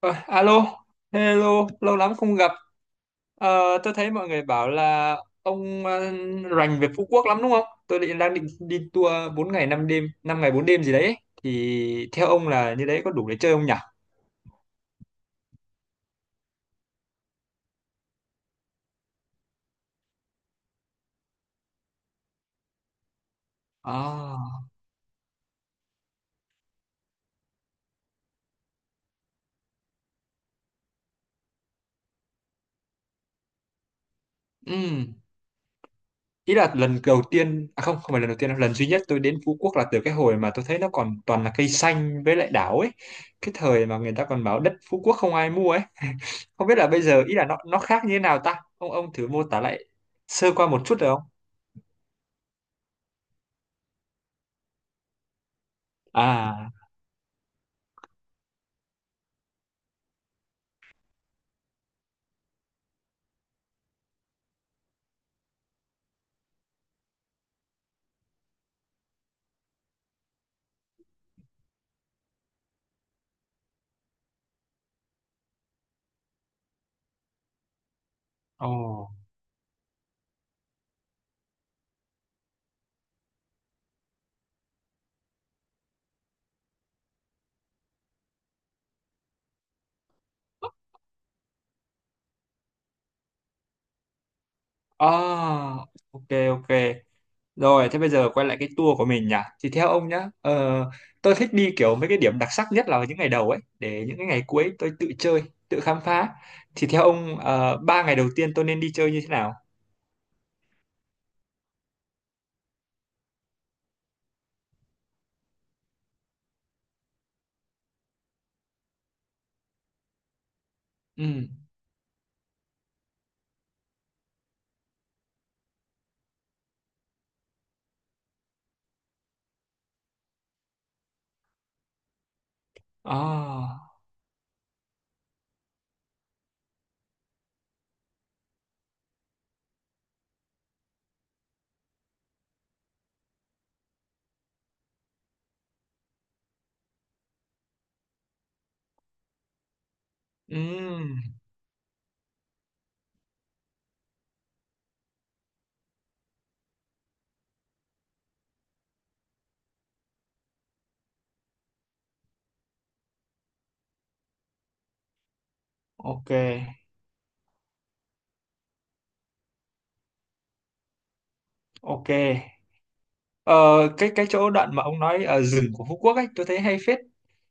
Ờ, alo, hello, lâu lắm không gặp. Ờ, tôi thấy mọi người bảo là ông rành về Phú Quốc lắm đúng không? Tôi đang định đi tour 4 ngày 5 đêm, 5 ngày 4 đêm gì đấy. Thì theo ông là như đấy có đủ để chơi không nhỉ? À. Ừm. Ý là lần đầu tiên, à không, không phải lần đầu tiên đâu, lần duy nhất tôi đến Phú Quốc là từ cái hồi mà tôi thấy nó còn toàn là cây xanh với lại đảo ấy. Cái thời mà người ta còn bảo đất Phú Quốc không ai mua ấy. Không biết là bây giờ ý là nó khác như thế nào ta? Ông thử mô tả lại sơ qua một chút được không? À. Ồ. À, ok, ok, rồi thế bây giờ quay lại cái tour của mình nhỉ. Thì theo ông nhá, tôi thích đi kiểu mấy cái điểm đặc sắc nhất là vào những ngày đầu ấy, để những cái ngày cuối tôi tự chơi, tự khám phá. Thì theo ông, ba ngày đầu tiên tôi nên đi chơi như thế nào? Ừ. À. Ừ. Ok, ok. Ờ, cái chỗ đoạn mà ông nói ở rừng của Phú Quốc ấy tôi thấy hay phết.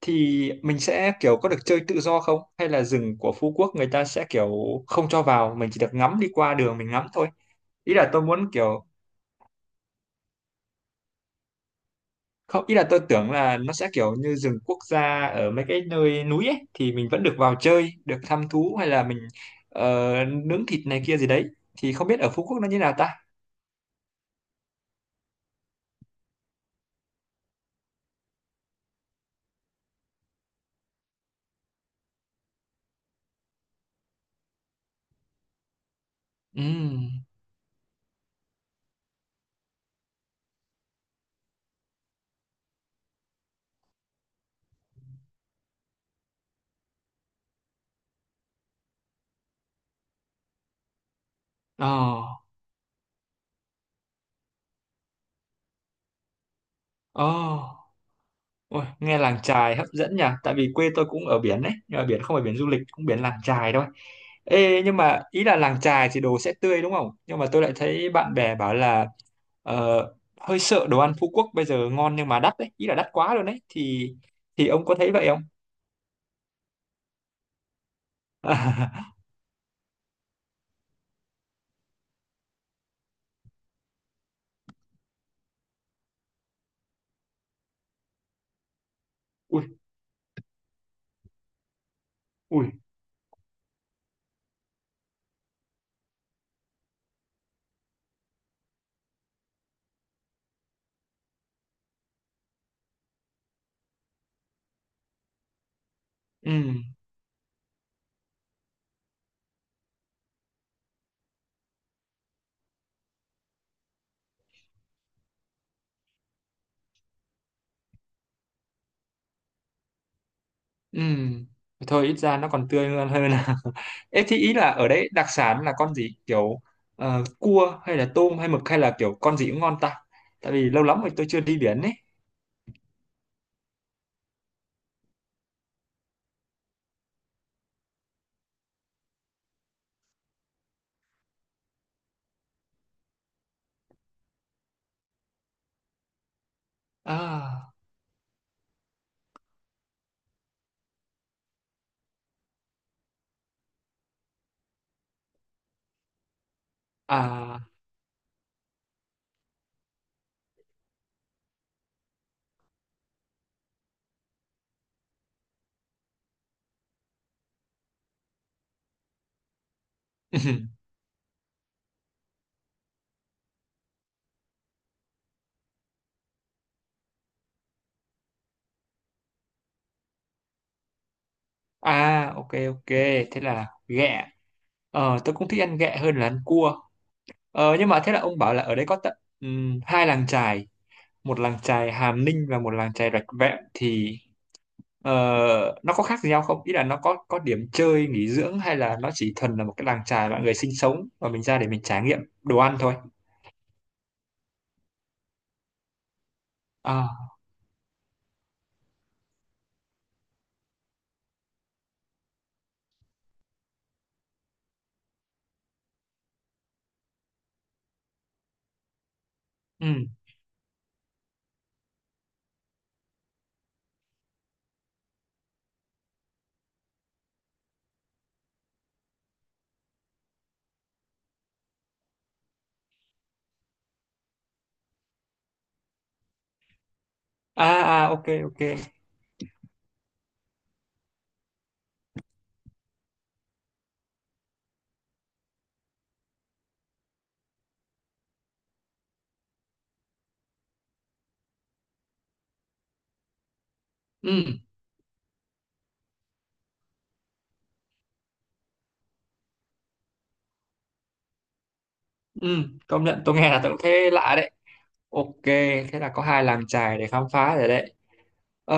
Thì mình sẽ kiểu có được chơi tự do không, hay là rừng của Phú Quốc người ta sẽ kiểu không cho vào, mình chỉ được ngắm đi qua đường mình ngắm thôi? Ý là tôi muốn kiểu, không, ý là tôi tưởng là nó sẽ kiểu như rừng quốc gia ở mấy cái nơi núi ấy thì mình vẫn được vào chơi, được thăm thú, hay là mình nướng thịt này kia gì đấy. Thì không biết ở Phú Quốc nó như nào ta. Ừ. Ờ. Ờ. Ôi, nghe làng chài hấp dẫn nhỉ, tại vì quê tôi cũng ở biển đấy, nhưng mà biển không phải biển du lịch, cũng biển làng chài thôi. Ê, nhưng mà ý là làng chài thì đồ sẽ tươi đúng không, nhưng mà tôi lại thấy bạn bè bảo là ờ, hơi sợ đồ ăn Phú Quốc bây giờ ngon nhưng mà đắt đấy, ý là đắt quá luôn đấy, thì ông có thấy vậy không? Ui, ui. Ừ. Ừ. Thôi ít ra nó còn tươi hơn hơn là. Ê, thì ý là ở đấy đặc sản là con gì kiểu cua hay là tôm hay mực, hay là kiểu con gì cũng ngon ta? Tại vì lâu lắm rồi tôi chưa đi biển ấy. À. À. À, ok, ok. Thế là ghẹ. Tôi cũng thích ăn ghẹ hơn là ăn cua. Nhưng mà thế là ông bảo là ở đấy có tận hai làng chài, một làng chài Hàm Ninh và một làng chài Rạch Vẹm thì, Ờ, nó có khác gì nhau không? Ý là nó có điểm chơi, nghỉ dưỡng, hay là nó chỉ thuần là một cái làng chài mọi người sinh sống và mình ra để mình trải nghiệm đồ ăn thôi. À. Ừ. À, à, ok, ok. Ừ, ừ, công nhận tôi nghe là tôi cũng thấy lạ đấy. Ok, thế là có hai làng chài để khám phá rồi đấy. Ờ,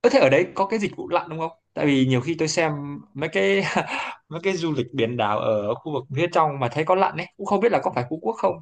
ơ thế ở đấy có cái dịch vụ lặn đúng không? Tại vì nhiều khi tôi xem mấy cái mấy cái du lịch biển đảo ở khu vực phía trong mà thấy có lặn ấy, cũng không biết là có phải Phú Quốc không.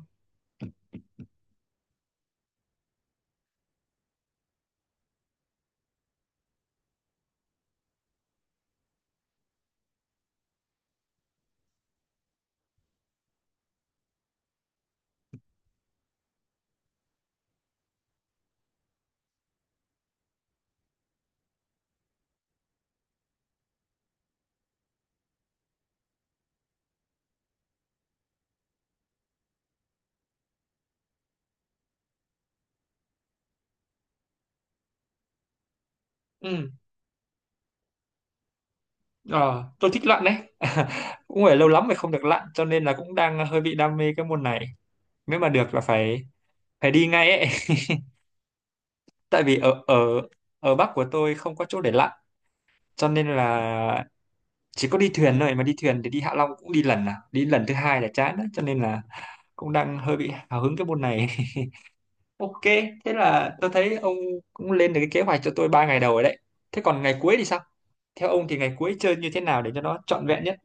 Ừ. Ờ, tôi thích lặn đấy. Cũng phải lâu lắm rồi không được lặn, cho nên là cũng đang hơi bị đam mê cái môn này. Nếu mà được là phải phải đi ngay ấy. Tại vì ở ở ở Bắc của tôi không có chỗ để lặn, cho nên là chỉ có đi thuyền thôi, mà đi thuyền thì đi Hạ Long cũng đi lần à đi lần thứ hai là chán đấy, cho nên là cũng đang hơi bị hào hứng cái môn này. Ok, thế là tôi thấy ông cũng lên được cái kế hoạch cho tôi ba ngày đầu rồi đấy. Thế còn ngày cuối thì sao? Theo ông thì ngày cuối chơi như thế nào để cho nó trọn vẹn nhất?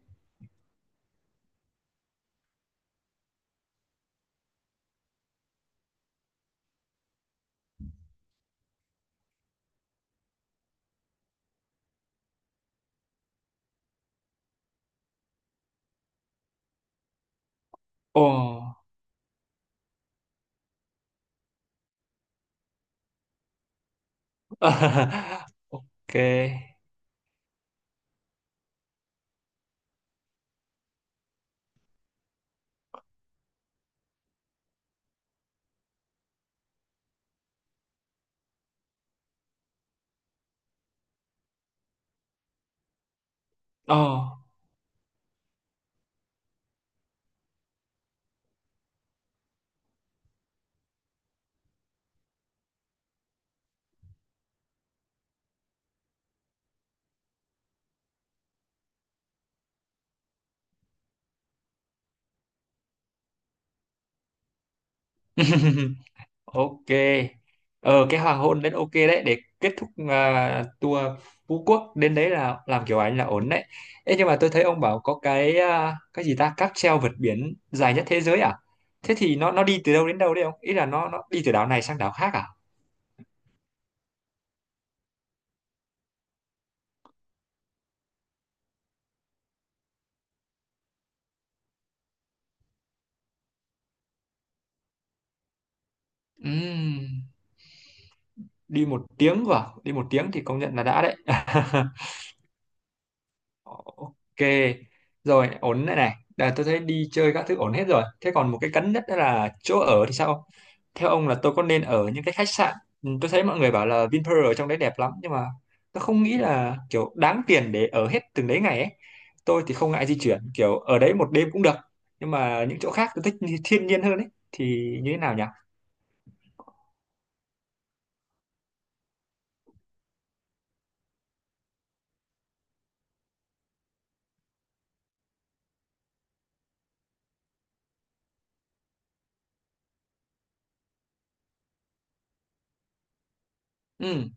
Ồ. Ok. Oh. Ok. Ờ, cái hoàng hôn đến ok đấy để kết thúc, tour Phú Quốc đến đấy là làm kiểu ảnh là ổn đấy. Ê, nhưng mà tôi thấy ông bảo có cái gì ta, cáp treo vượt biển dài nhất thế giới à? Thế thì nó đi từ đâu đến đâu đấy ông, ý là nó đi từ đảo này sang đảo khác à? Ừm. Đi một tiếng vào, đi một tiếng thì công nhận là đã đấy. Ờ, ok, rồi ổn đây này. Đà, tôi thấy đi chơi các thứ ổn hết rồi. Thế còn một cái cấn nhất đó là chỗ ở thì sao? Theo ông là tôi có nên ở những cái khách sạn? Ừ, tôi thấy mọi người bảo là Vinpearl ở trong đấy đẹp lắm, nhưng mà tôi không nghĩ là kiểu đáng tiền để ở hết từng đấy ngày ấy. Tôi thì không ngại di chuyển, kiểu ở đấy một đêm cũng được. Nhưng mà những chỗ khác tôi thích thiên nhiên hơn ấy. Thì như thế nào nhỉ? Ừ.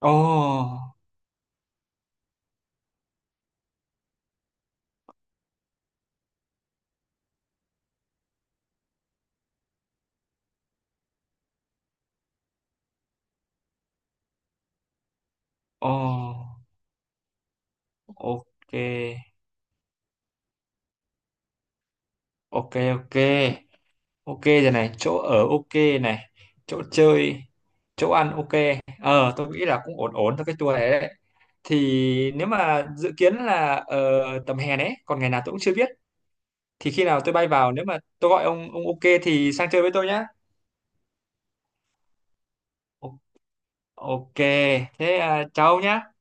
Ồ, ồ, ok, ok, ok. Ok, rồi này, chỗ ở ok, này chỗ chơi, chỗ ăn ok, tôi nghĩ là cũng ổn ổn cho cái tour này đấy. Thì nếu mà dự kiến là tầm hè đấy, còn ngày nào tôi cũng chưa biết, thì khi nào tôi bay vào, nếu mà tôi gọi ông, ok thì sang chơi với tôi nhá. O- ok. Thế à, chào ông nhá.